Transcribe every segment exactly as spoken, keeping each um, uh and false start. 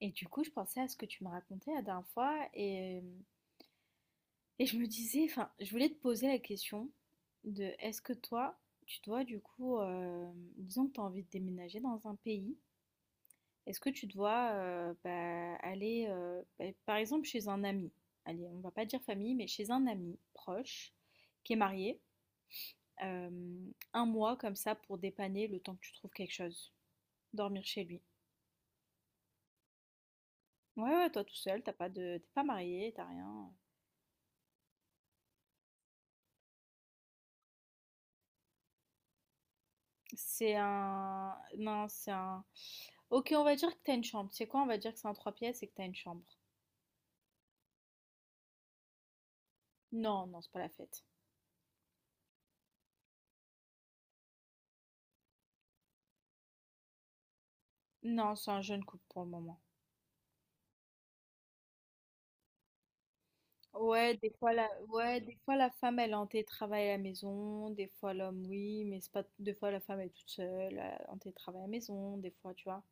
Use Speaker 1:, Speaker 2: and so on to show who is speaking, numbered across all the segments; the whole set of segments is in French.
Speaker 1: Et du coup, je pensais à ce que tu me racontais la dernière fois et, euh, et je me disais, enfin, je voulais te poser la question de est-ce que toi, tu dois du coup, euh, disons que tu as envie de déménager dans un pays, est-ce que tu dois euh, bah, aller, euh, bah, par exemple, chez un ami, allez, on va pas dire famille, mais chez un ami proche qui est marié, euh, un mois comme ça pour dépanner le temps que tu trouves quelque chose, dormir chez lui. Ouais, ouais, toi tout seul, t'as pas de, t'es pas marié, t'as rien. C'est un. Non, c'est un. Ok, on va dire que t'as une chambre. C'est quoi? On va dire que c'est un trois pièces et que t'as une chambre. Non, non, c'est pas la fête. Non, c'est un jeune couple pour le moment. Ouais, des fois la, ouais, des fois la femme elle est en télétravail à la maison, des fois l'homme oui, mais c'est pas des fois la femme elle est toute seule euh, en télétravail à la maison, des fois tu vois.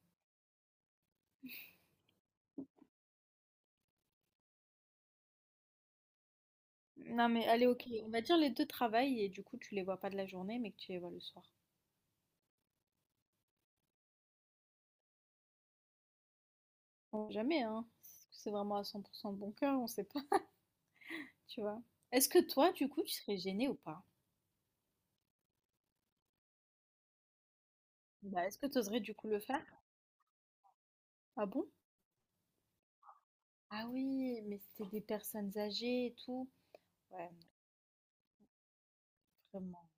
Speaker 1: Non mais allez ok, on va dire les deux travaillent et du coup tu les vois pas de la journée mais que tu les vois le soir. Bon, jamais hein, est c'est vraiment à cent pour cent de bon cœur, on sait pas, tu vois. Est-ce que toi du coup tu serais gêné ou pas? Bah, est-ce que tu oserais du coup le faire? Ah bon? Ah oui, mais c'était des personnes âgées et tout. Ouais, vraiment.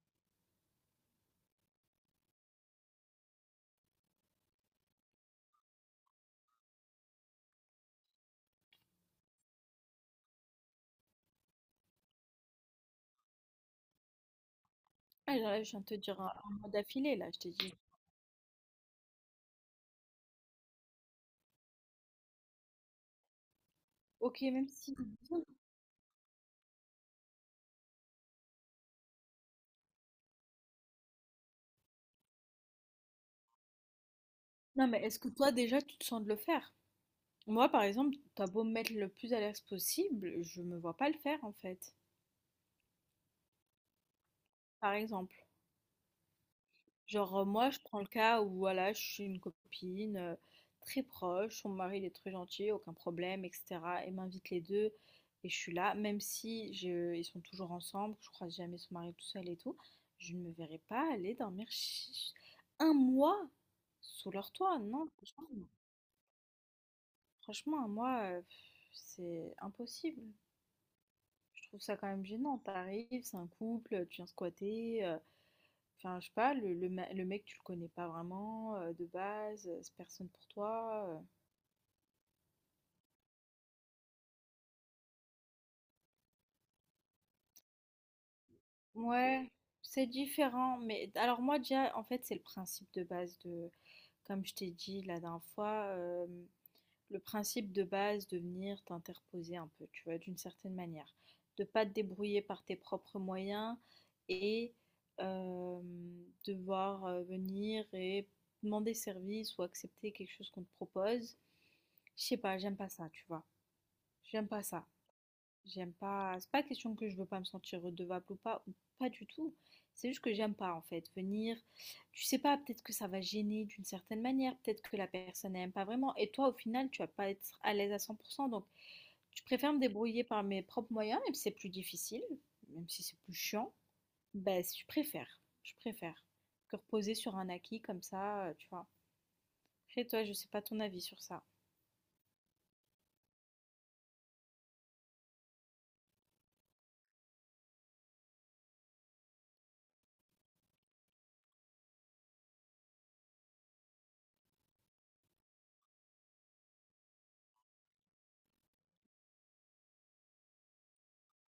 Speaker 1: Ah, là, là, je viens de te dire un, un mois d'affilée, là, je t'ai dit. Ok, même si... Non, mais est-ce que toi, déjà, tu te sens de le faire? Moi, par exemple, t'as beau me mettre le plus à l'aise possible, je me vois pas le faire, en fait. Par exemple. Genre, euh, moi, je prends le cas où, voilà, je suis une copine euh, très proche, son mari il est très gentil, aucun problème, et cetera. Et m'invite les deux, et je suis là, même si je- ils sont toujours ensemble, je croise jamais son mari tout seul et tout, je ne me verrai pas aller dormir ch- un mois sous leur toit, non, franchement, non. Franchement, un mois, euh, pff, c'est impossible. Je trouve ça quand même gênant. T'arrives, c'est un couple, tu viens squatter. Enfin, je sais pas, le, le, ma- le mec, tu le connais pas vraiment euh, de base, euh, c'est personne pour toi. euh. Ouais, c'est différent. Mais alors, moi, déjà, en fait, c'est le principe de base de, comme je t'ai dit la dernière fois, euh, le principe de base de venir t'interposer un peu, tu vois, d'une certaine manière. De pas te débrouiller par tes propres moyens et euh, devoir euh, venir et demander service ou accepter quelque chose qu'on te propose. Je sais pas, j'aime pas ça, tu vois. J'aime pas ça. J'aime pas. C'est pas question que je veux pas me sentir redevable ou pas, ou pas du tout. C'est juste que j'aime pas en fait venir. Tu sais pas, peut-être que ça va gêner d'une certaine manière, peut-être que la personne n'aime pas vraiment. Et toi, au final, tu vas pas être à l'aise à cent pour cent. Donc, je préfère me débrouiller par mes propres moyens, même si c'est plus difficile, même si c'est plus chiant. Ben, je préfère. Je préfère que reposer sur un acquis comme ça, euh, tu vois. Après, toi, je sais pas ton avis sur ça.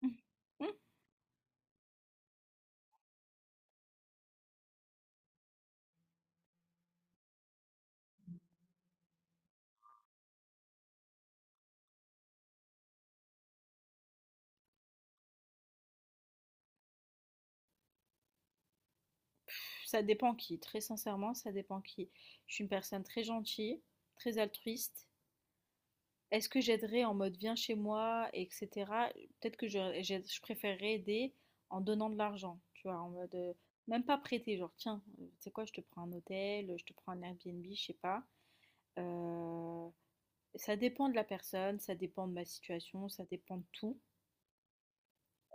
Speaker 1: Mm. ça dépend qui, très sincèrement, ça dépend qui. Je suis une personne très gentille, très altruiste. Est-ce que j'aiderais en mode viens chez moi, et cetera. Peut-être que je, j'aide- je préférerais aider en donnant de l'argent, tu vois, en mode euh, même pas prêter, genre tiens, euh, tu sais quoi, je te prends un hôtel, je te prends un Airbnb, je sais pas. Euh, ça dépend de la personne, ça dépend de ma situation, ça dépend de tout.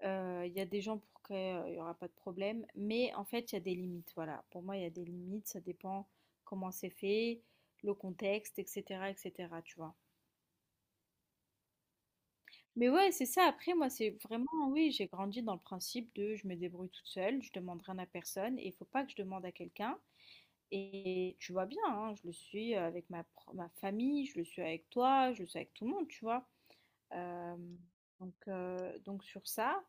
Speaker 1: Euh, Il y a des gens pour qui euh, il n'y aura pas de problème, mais en fait, il y a des limites. Voilà, pour moi, il y a des limites, ça dépend comment c'est fait, le contexte, et cetera, et cetera, tu vois. Mais ouais, c'est ça. Après, moi, c'est vraiment, oui, j'ai grandi dans le principe de je me débrouille toute seule, je demande rien à personne et il faut pas que je demande à quelqu'un. Et tu vois bien, hein, je le suis avec ma, pro- ma famille, je le suis avec toi, je le suis avec tout le monde, tu vois. Euh, donc, euh, donc sur ça.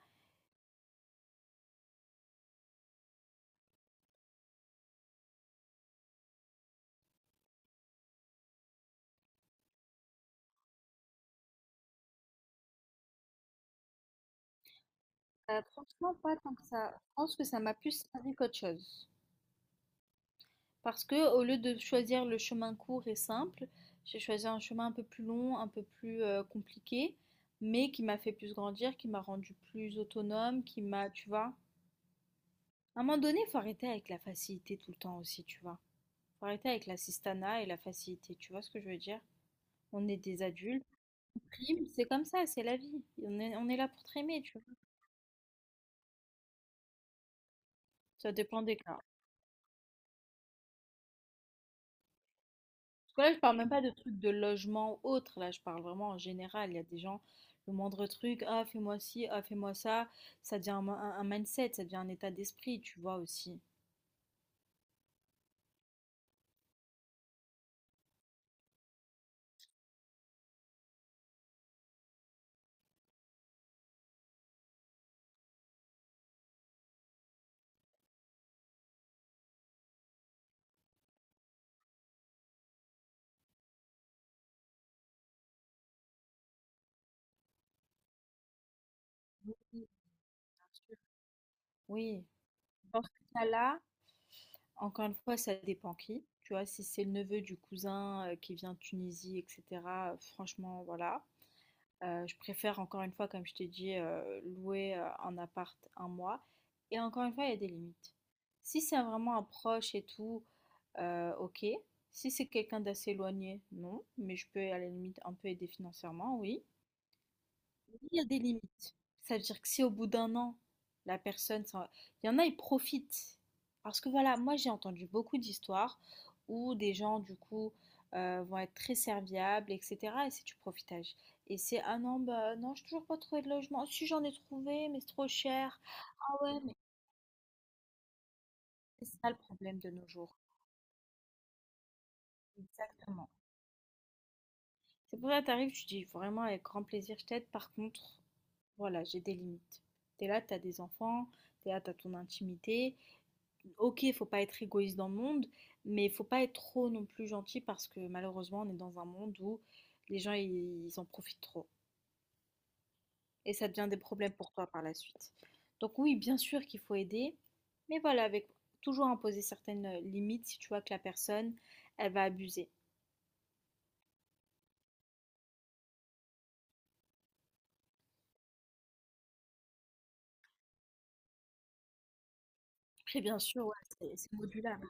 Speaker 1: Heu, franchement pas tant que ça. Je pense que ça m'a plus servi qu'autre chose. Parce que au lieu de choisir le chemin court et simple, j'ai choisi un chemin un peu plus long, un peu plus, heu, compliqué, mais qui m'a fait plus grandir, qui m'a rendu plus autonome, qui m'a tu vois? À un moment donné, il faut arrêter avec la facilité tout le temps aussi, tu vois? Faut arrêter avec l'assistanat et la facilité, tu vois ce que je veux dire? On est des adultes, on prime, c'est comme ça, c'est la vie. On est on est là pour trimer, tu vois? Ça dépend des cas. Parce que là, je parle même pas de trucs de logement ou autre. Là, je parle vraiment en général. Il y a des gens, le moindre truc, ah, fais-moi ci, ah, fais-moi ça. Ça devient un, un- un mindset, ça devient un état d'esprit, tu vois aussi. Oui, bien sûr. Oui. Dans ce cas-là, encore une fois, ça dépend qui. Tu vois, si c'est le neveu du cousin euh, qui vient de Tunisie, et cetera, euh, franchement, voilà. Heu, je préfère encore une fois, comme je t'ai dit, heu, louer, heu, un appart un mois et encore une fois, il y a des limites. Si c'est vraiment un proche et tout, heu, OK. Si c'est quelqu'un d'assez éloigné, non, mais je peux à la limite un peu aider financièrement, oui. Il y a des limites. Ça veut dire que si au bout d'un an, la personne s'en- va- Il y en a, ils profitent. Parce que voilà, moi j'ai entendu beaucoup d'histoires où des gens, du coup, euh, vont être très serviables, et cetera. Et c'est du profitage. Et c'est, ah non, bah non, j'ai toujours pas trouvé de logement. Si j'en ai trouvé, mais c'est trop cher. Ah ouais, mais c'est ça le problème de nos jours. Exactement. C'est pour ça que t'arrives, tu dis vraiment avec grand plaisir, je t'aide. Par contre, voilà, j'ai des limites. T'es là, t'as des enfants, t'es là, t'as ton intimité. OK, faut pas être égoïste dans le monde, mais faut pas être trop non plus gentil parce que malheureusement, on est dans un monde où les gens ils, ils en profitent trop et ça devient des problèmes pour toi par la suite. Donc oui, bien sûr qu'il faut aider, mais voilà, avec toujours imposer certaines euh, limites si tu vois que la personne elle va abuser. Après, bien sûr, ouais, c'est c'est modulable.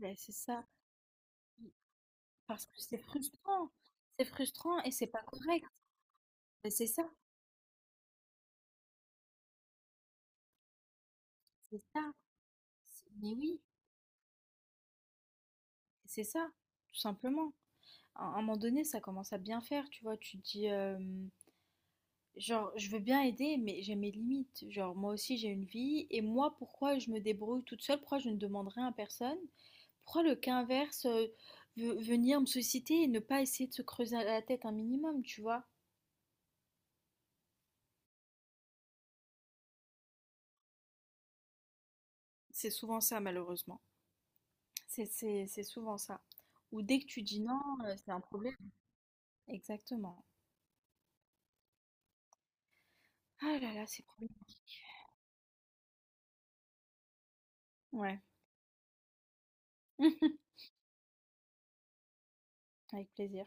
Speaker 1: Ouais, c'est ça, parce que c'est frustrant, c'est frustrant et c'est pas correct. Mais c'est ça, c'est ça. C'est- Mais oui, c'est ça, tout simplement. à un moment donné, ça commence à bien faire, tu vois. Tu te dis, euh, genre, je veux bien aider, mais j'ai mes limites. Genre, moi aussi, j'ai une vie. Et moi, pourquoi je me débrouille toute seule? Pourquoi je ne demande rien à personne? Pourquoi le cas inverse, euh, ve- venir me solliciter et ne pas essayer de se creuser la tête un minimum, tu vois? C'est souvent ça, malheureusement. C'est, c'est, c'est souvent ça. Ou dès que tu dis non, euh, c'est un problème. Exactement. Ah là là, c'est problématique. Ouais. Avec plaisir.